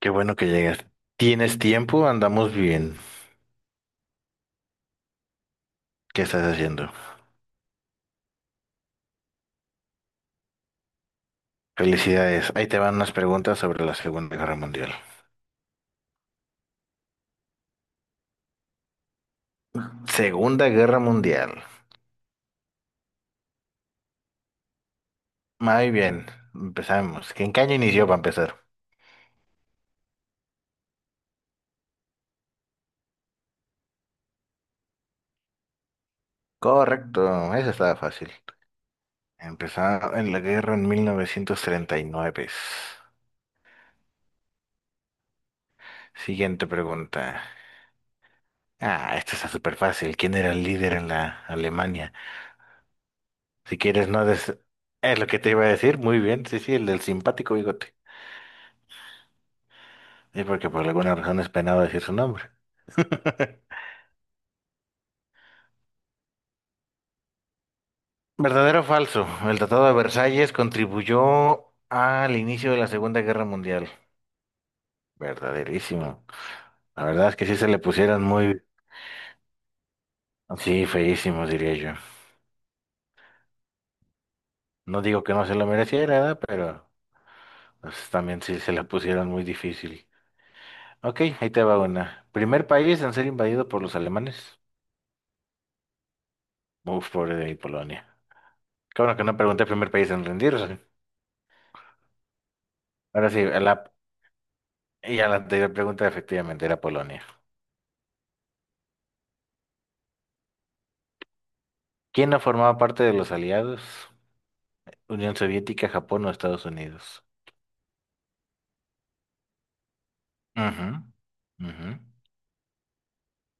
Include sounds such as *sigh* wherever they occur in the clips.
Qué bueno que llegas. ¿Tienes tiempo? Andamos bien. ¿Qué estás haciendo? Felicidades. Ahí te van unas preguntas sobre la Segunda Guerra Mundial. Segunda Guerra Mundial. Muy bien. Empezamos. ¿En qué año inició para empezar? Correcto. Eso estaba fácil. Empezó en la guerra en 1939. Siguiente pregunta. Ah, esta está súper fácil. ¿Quién era el líder en la Alemania? Si quieres, no des... Es lo que te iba a decir. Muy bien. Sí, sí, el del simpático bigote. Sí, porque por alguna razón es penado decir su nombre. *laughs* ¿Verdadero o falso? El Tratado de Versalles contribuyó al inicio de la Segunda Guerra Mundial. Verdaderísimo. La verdad es que sí se le pusieron muy... Sí, feísimos, diría yo. No digo que no se lo mereciera, ¿verdad? Pero pues, también sí se la pusieron muy difícil. Ok, ahí te va una. Primer país en ser invadido por los alemanes. Uf, pobre de mi Polonia. Qué bueno que no pregunté primer país en rendirse. Ahora sí, la y a la anterior pregunta efectivamente era Polonia. ¿Quién no formaba parte de los aliados? Unión Soviética, Japón o Estados Unidos. Ujú, ujú.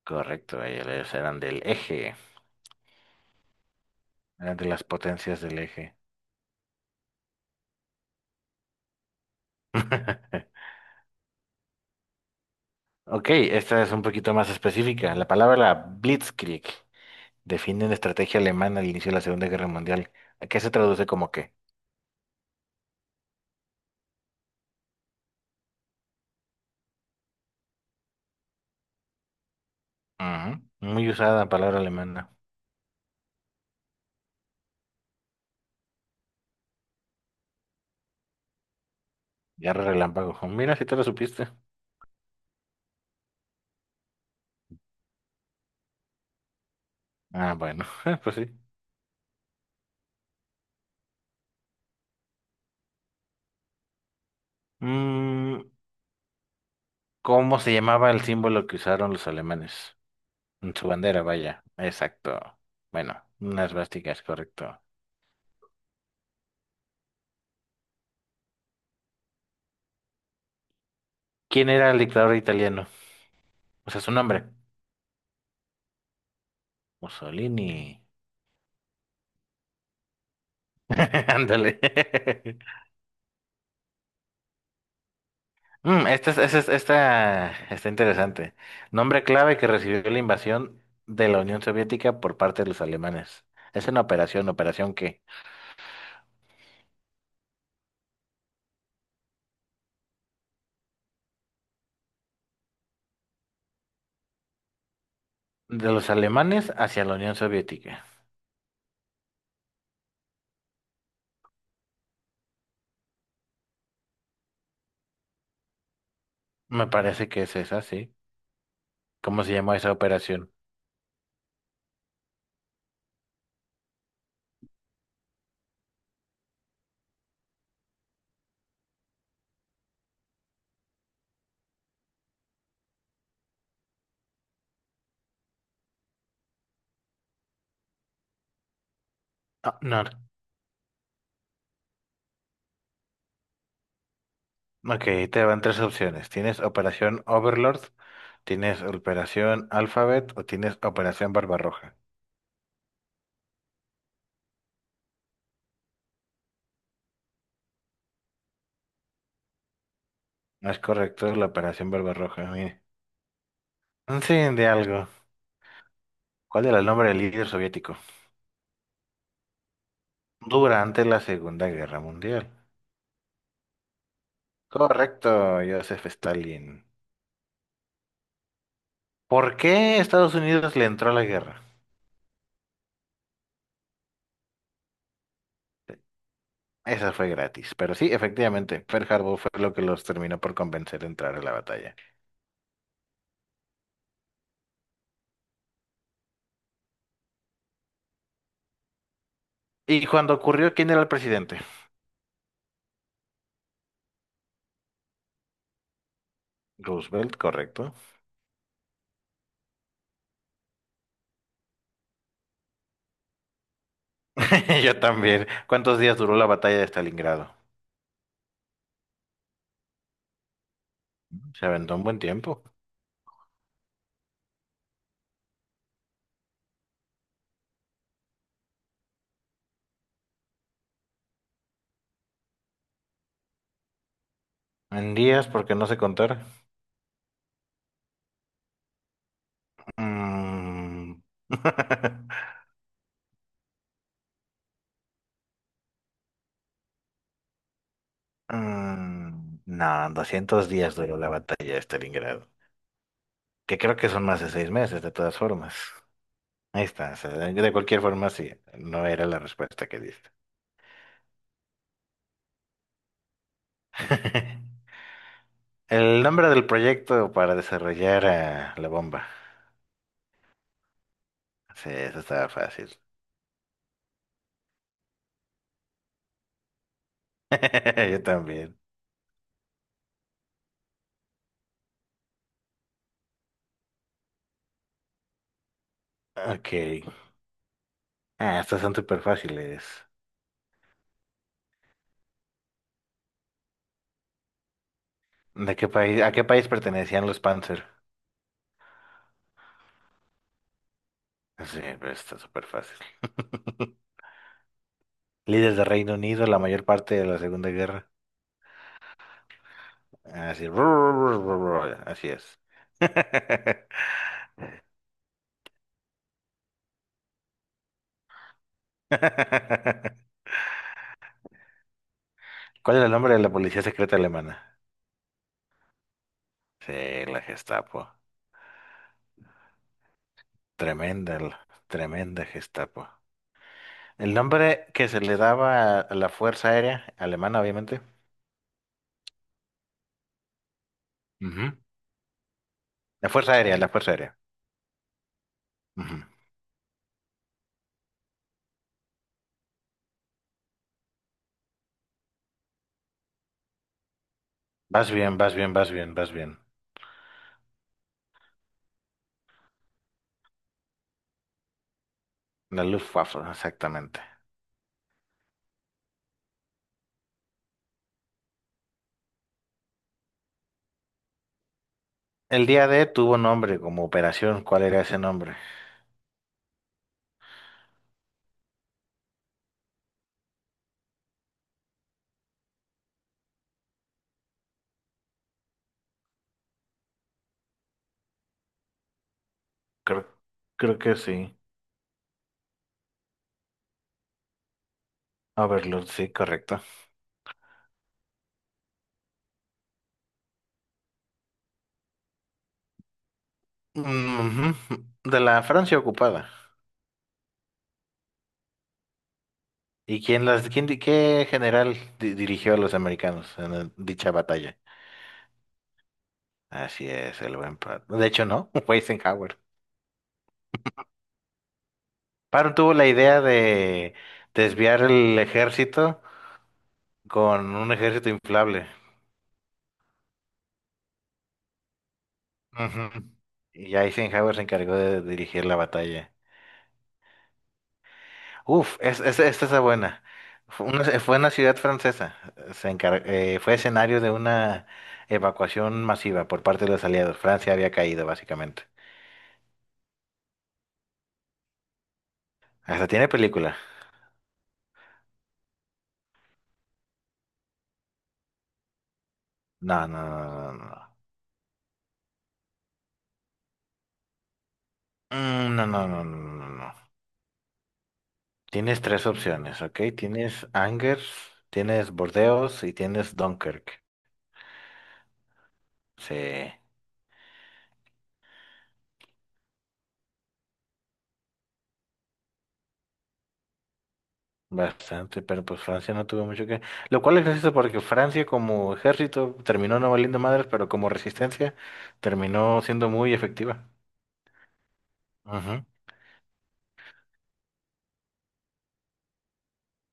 Correcto, ellos eran del eje, eran de las potencias del eje. *laughs* Ok, esta es un poquito más específica. La palabra Blitzkrieg define una estrategia alemana al inicio de la Segunda Guerra Mundial. ¿A qué se traduce como qué? Ujú, muy usada palabra alemana. Guerra relámpago. Mira, si te lo supiste. Ah, bueno, *laughs* pues sí. Mm, ¿Cómo se llamaba el símbolo que usaron los alemanes? En su bandera, vaya. Exacto. Bueno, unas vásticas, correcto. ¿Quién era el dictador italiano? O sea, su nombre. Mussolini. *laughs* Ándale. *laughs* Mm, esta está interesante. Nombre clave que recibió la invasión de la Unión Soviética por parte de los alemanes. Es una operación, ¿operación qué? De los alemanes hacia la Unión Soviética. Me parece que es esa, sí. ¿Cómo se llamó esa operación? Ah, no. Ok, te van tres opciones. Tienes Operación Overlord, tienes Operación Alphabet o tienes Operación Barbarroja. No es correcto, es la Operación Barbarroja. Mire. Un fin de algo. ¿Cuál era el nombre del líder soviético? Durante la Segunda Guerra Mundial. Correcto, Joseph Stalin. ¿Por qué Estados Unidos le entró a la guerra? Esa fue gratis, pero sí, efectivamente, Pearl Harbor fue lo que los terminó por convencer de entrar a la batalla. ¿Y cuando ocurrió, quién era el presidente? Roosevelt, correcto. *laughs* Yo también. ¿Cuántos días duró la batalla de Stalingrado? Se aventó un buen tiempo. En días, porque no sé contar. Mm. *laughs* Mm, no, 200 días duró la batalla de Stalingrado. Que creo que son más de 6 meses, de todas formas. Ahí está. O sea, de cualquier forma, sí. No era la respuesta que diste. *laughs* El nombre del proyecto para desarrollar la bomba. Sí, eso estaba fácil. *laughs* Yo también. Ok. Ah, estas son súper fáciles. ¿De qué país, a qué país pertenecían los Panzer? Sí, pero está súper fácil. *laughs* Líderes de Reino Unido, la mayor parte de la Segunda Guerra. Así, *laughs* así es. *laughs* ¿Cuál era el nombre de la policía secreta alemana? Sí, la Gestapo. Tremenda, tremenda Gestapo. El nombre que se le daba a la Fuerza Aérea Alemana, obviamente. Ujú. La Fuerza Aérea, la Fuerza Aérea. Ujú. Vas bien, vas bien, vas bien, vas bien. La Luftwaffe, exactamente. El día D tuvo nombre como operación. ¿Cuál era ese nombre? Creo, creo que sí. Overlord, sí, correcto. Ujú. De la Francia ocupada. ¿Y quién las, qué general dirigió a los americanos en dicha batalla? Así es, el buen Patton. De hecho, no, *laughs* fue Eisenhower. Patton tuvo la idea de desviar el ejército con un ejército inflable. Ujú. Y ya Eisenhower se encargó de dirigir la batalla. Uf, es, esta es la buena. Fue una ciudad francesa. Fue escenario de una evacuación masiva por parte de los aliados. Francia había caído, básicamente. Hasta tiene película. No, no, no, no, no. No. Mm, no, no, no, no, no, no. Tienes tres opciones, ¿ok? Tienes Angers, tienes Bordeaux y tienes Dunkirk. Sí. Bastante, pero pues Francia no tuvo mucho que... Lo cual es gracioso porque Francia como ejército terminó no valiendo madres, pero como resistencia terminó siendo muy efectiva. Ujú.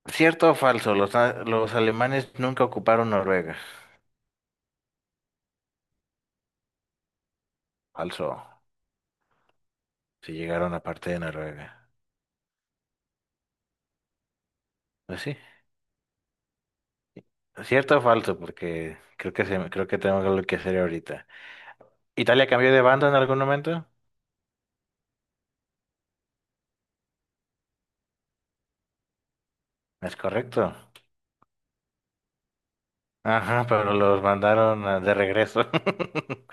¿Cierto o falso? Los, los alemanes nunca ocuparon Noruega. Falso. Si llegaron a parte de Noruega. Pues sí. ¿Cierto o falso? Porque creo que se, creo que tengo algo que hacer ahorita. ¿Italia cambió de bando en algún momento? Es correcto. Ajá, pero los de regreso. *laughs*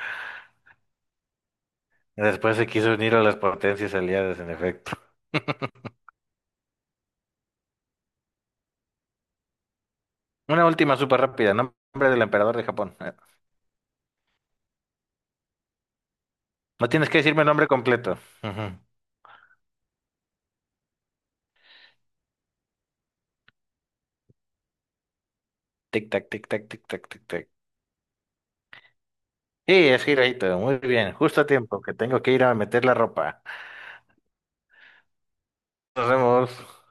Después se quiso unir a las potencias aliadas, en efecto. Una última súper rápida. Nombre del emperador de Japón. No tienes que decirme el nombre completo. Ujú. Tic, tac, tic, tac, tic, tac, tic, tac. Sí, es Hirohito. Muy bien. Justo a tiempo, que tengo que ir a meter la ropa. Nos vemos.